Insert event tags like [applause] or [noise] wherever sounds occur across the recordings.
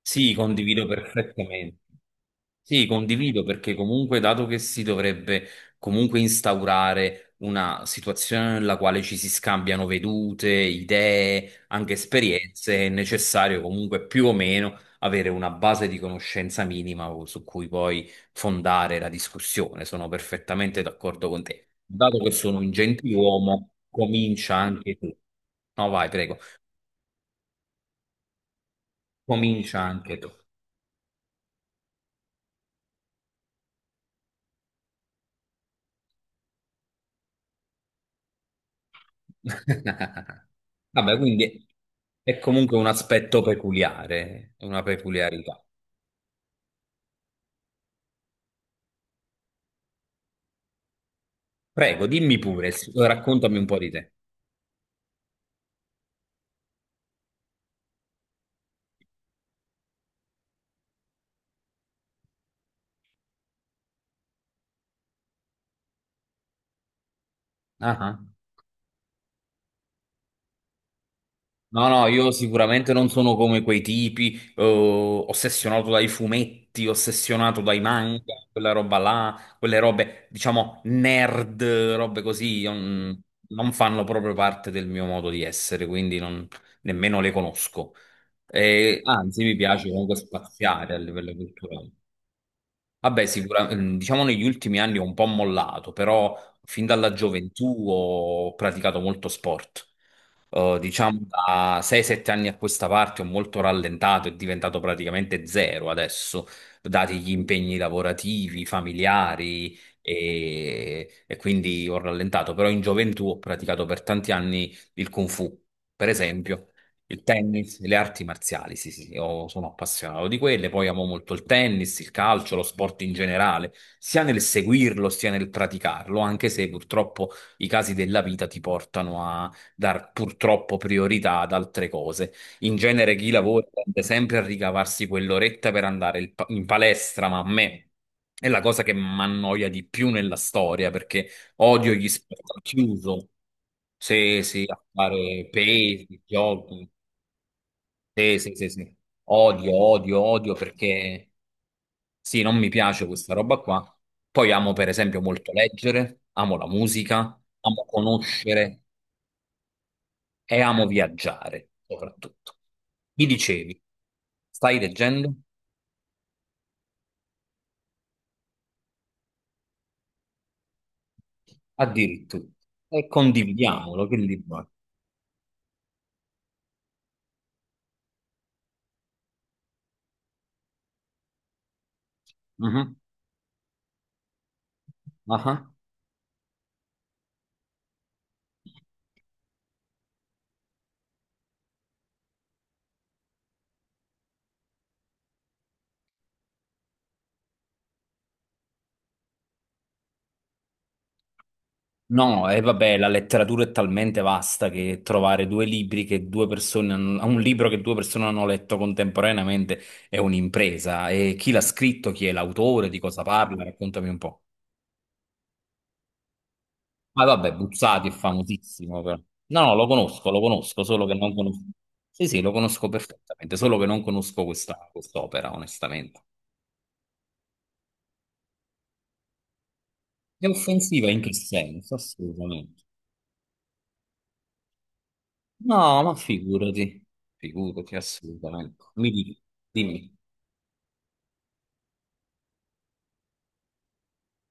Sì, condivido perfettamente. Sì, condivido perché comunque, dato che si dovrebbe comunque instaurare una situazione nella quale ci si scambiano vedute, idee, anche esperienze, è necessario comunque più o meno avere una base di conoscenza minima su cui poi fondare la discussione. Sono perfettamente d'accordo con te. Dato che sono un gentiluomo, comincia anche tu. No, vai, prego. Comincia anche tu. [laughs] Vabbè, quindi è comunque un aspetto peculiare, una peculiarità. Prego, dimmi pure, raccontami un po' di te. Ah, ah. No, no, io sicuramente non sono come quei tipi, ossessionato dai fumetti, ossessionato dai manga, quella roba là, quelle robe, diciamo, nerd, robe così, io non fanno proprio parte del mio modo di essere, quindi nemmeno le conosco. E, anzi, mi piace comunque spaziare a livello culturale. Vabbè, sicuramente, diciamo negli ultimi anni ho un po' mollato, però fin dalla gioventù ho praticato molto sport. Diciamo da 6-7 anni a questa parte ho molto rallentato, è diventato praticamente zero adesso, dati gli impegni lavorativi, familiari e quindi ho rallentato, però in gioventù ho praticato per tanti anni il Kung Fu, per esempio. Il tennis, le arti marziali, sì, sì, sì, io sono appassionato di quelle, poi amo molto il tennis, il calcio, lo sport in generale, sia nel seguirlo sia nel praticarlo, anche se purtroppo i casi della vita ti portano a dar purtroppo priorità ad altre cose. In genere chi lavora tende sempre a ricavarsi quell'oretta per andare il in palestra, ma a me è la cosa che mi annoia di più nella storia, perché odio gli sport al chiuso, se si a fare pesi, jog. Sì, sì, sì, sì. Odio, odio, odio, perché sì, non mi piace questa roba qua. Poi amo per esempio molto leggere, amo la musica, amo conoscere e amo viaggiare soprattutto. Mi dicevi, stai leggendo? Addirittura. E condividiamolo, che libro è? Mhm. Ah ah. No, e vabbè, la letteratura è talmente vasta che trovare due libri che due persone hanno, un libro che due persone hanno letto contemporaneamente è un'impresa. E chi l'ha scritto, chi è l'autore, di cosa parla, raccontami un po'. Ma vabbè, Buzzati è famosissimo, però. No, no, lo conosco, solo che non conosco. Sì, sì, lo conosco perfettamente, solo che non conosco questa quest'opera, onestamente. È offensiva in che senso? Assolutamente. No, ma figurati, figurati, assolutamente. Mi dica, dimmi.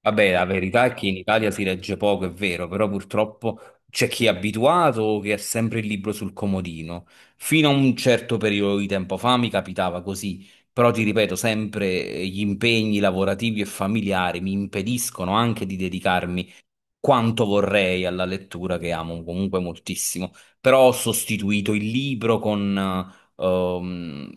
Vabbè, la verità è che in Italia si legge poco, è vero, però purtroppo c'è chi è abituato che ha sempre il libro sul comodino. Fino a un certo periodo di tempo fa mi capitava così, però ti ripeto, sempre gli impegni lavorativi e familiari mi impediscono anche di dedicarmi quanto vorrei alla lettura che amo comunque moltissimo, però ho sostituito il libro con... eh, ehm,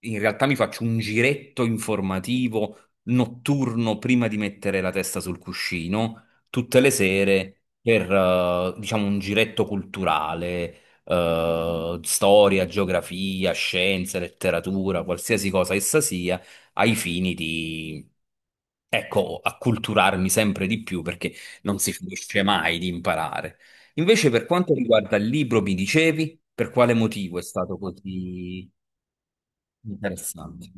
In realtà mi faccio un giretto informativo notturno prima di mettere la testa sul cuscino, tutte le sere per, diciamo, un giretto culturale, storia, geografia, scienze, letteratura, qualsiasi cosa essa sia, ai fini di, ecco, acculturarmi sempre di più, perché non si finisce mai di imparare. Invece, per quanto riguarda il libro, mi dicevi per quale motivo è stato così interessante?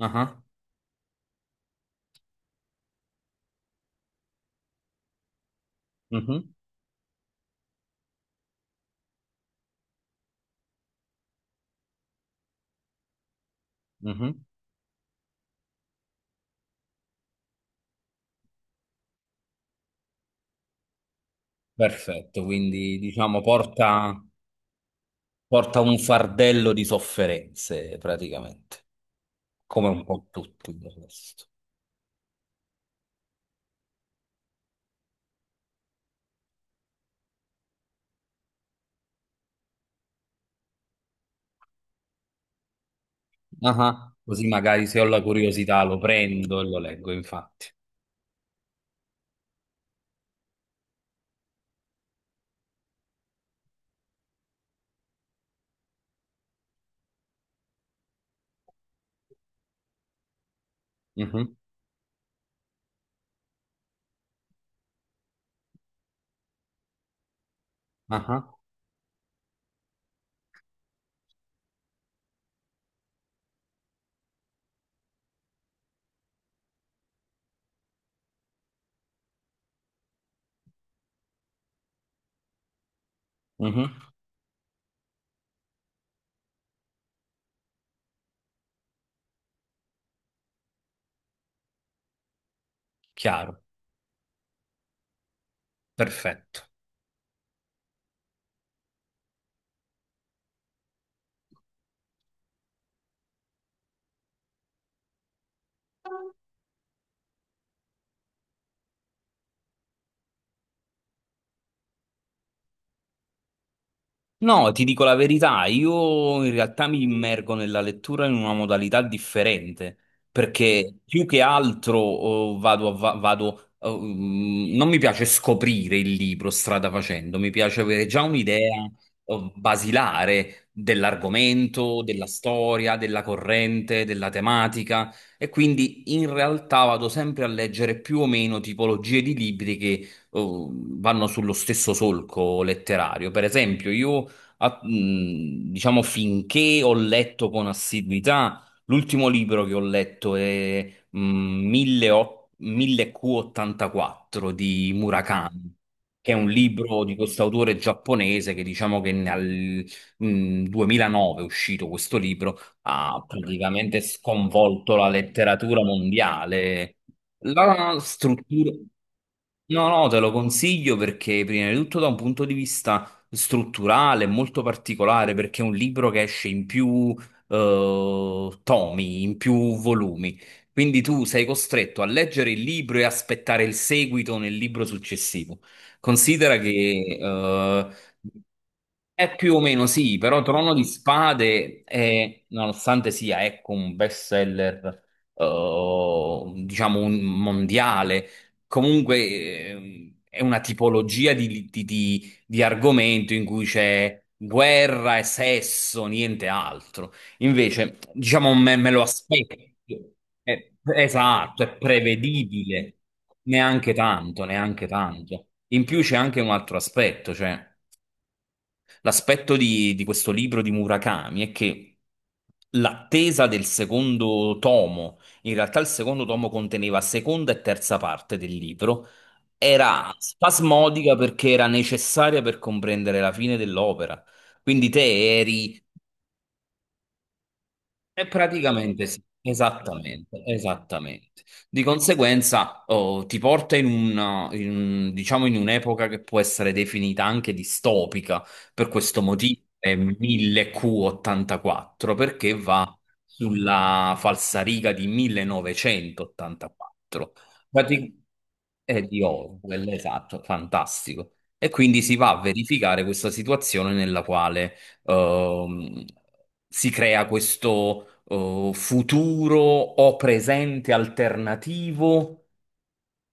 Ah, mhm, mhm. Perfetto, quindi diciamo porta un fardello di sofferenze praticamente, come un po' tutto il resto. Ah, così magari, se ho la curiosità, lo prendo e lo leggo, infatti. Mhm, ah, mhm. Chiaro, perfetto. No, ti dico la verità, io in realtà mi immergo nella lettura in una modalità differente, perché più che altro vado, vado, non mi piace scoprire il libro strada facendo, mi piace avere già un'idea oh, basilare dell'argomento, della storia, della corrente, della tematica, e quindi in realtà vado sempre a leggere più o meno tipologie di libri che vanno sullo stesso solco letterario. Per esempio, io diciamo, finché ho letto con assiduità, l'ultimo libro che ho letto è 1008 1000Q84 di Murakami. Che è un libro di questo autore giapponese che, diciamo, che nel 2009 è uscito questo libro, ha praticamente sconvolto la letteratura mondiale. La struttura, no, no, te lo consiglio perché, prima di tutto, da un punto di vista strutturale, molto particolare, perché è un libro che esce in più tomi, in più volumi. Quindi tu sei costretto a leggere il libro e aspettare il seguito nel libro successivo. Considera che è più o meno sì, però Trono di Spade è, nonostante sia, ecco, un bestseller, diciamo, un mondiale, comunque è una tipologia di argomento in cui c'è guerra e sesso, niente altro. Invece, diciamo, me lo aspetto. Esatto, è prevedibile. Neanche tanto, neanche tanto. In più c'è anche un altro aspetto, cioè. L'aspetto di questo libro di Murakami è che l'attesa del secondo tomo, in realtà il secondo tomo conteneva seconda e terza parte del libro, era spasmodica perché era necessaria per comprendere la fine dell'opera. Quindi te eri e praticamente sì, esattamente, esattamente. Di conseguenza, ti porta in un, diciamo, in un'epoca che può essere definita anche distopica, per questo motivo è 1000Q84, perché va sulla falsariga di 1984. Prati- È di Orwell, esatto, fantastico. E quindi si va a verificare questa situazione nella quale ehm, si crea questo futuro o presente alternativo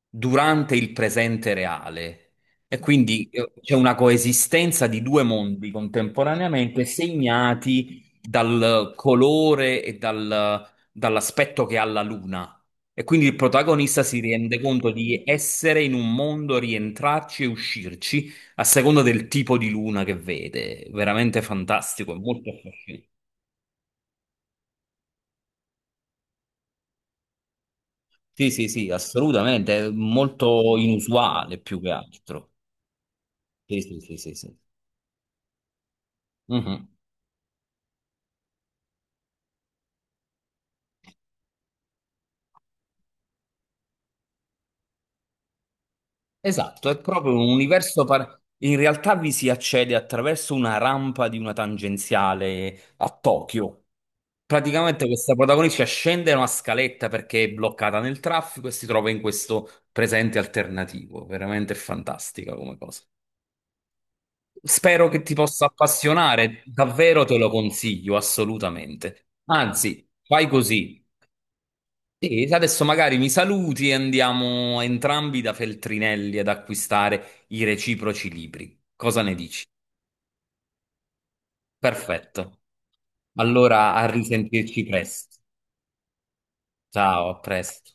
durante il presente reale. E quindi c'è una coesistenza di due mondi contemporaneamente segnati dal colore e dall'aspetto che ha la luna. E quindi il protagonista si rende conto di essere in un mondo, rientrarci e uscirci a seconda del tipo di luna che vede. Veramente fantastico, è molto affascinante. Sì, sì, sì, assolutamente, è molto inusuale più che altro. Sì, sì, sì, sì, sì. Mhm. Esatto, è proprio un in realtà vi si accede attraverso una rampa di una tangenziale a Tokyo. Praticamente questa protagonista scende una scaletta perché è bloccata nel traffico e si trova in questo presente alternativo. Veramente fantastica come cosa. Spero che ti possa appassionare, davvero te lo consiglio, assolutamente. Anzi, fai così. Sì, adesso magari mi saluti e andiamo entrambi da Feltrinelli ad acquistare i reciproci libri. Cosa ne dici? Perfetto. Allora a risentirci presto. Ciao, a presto.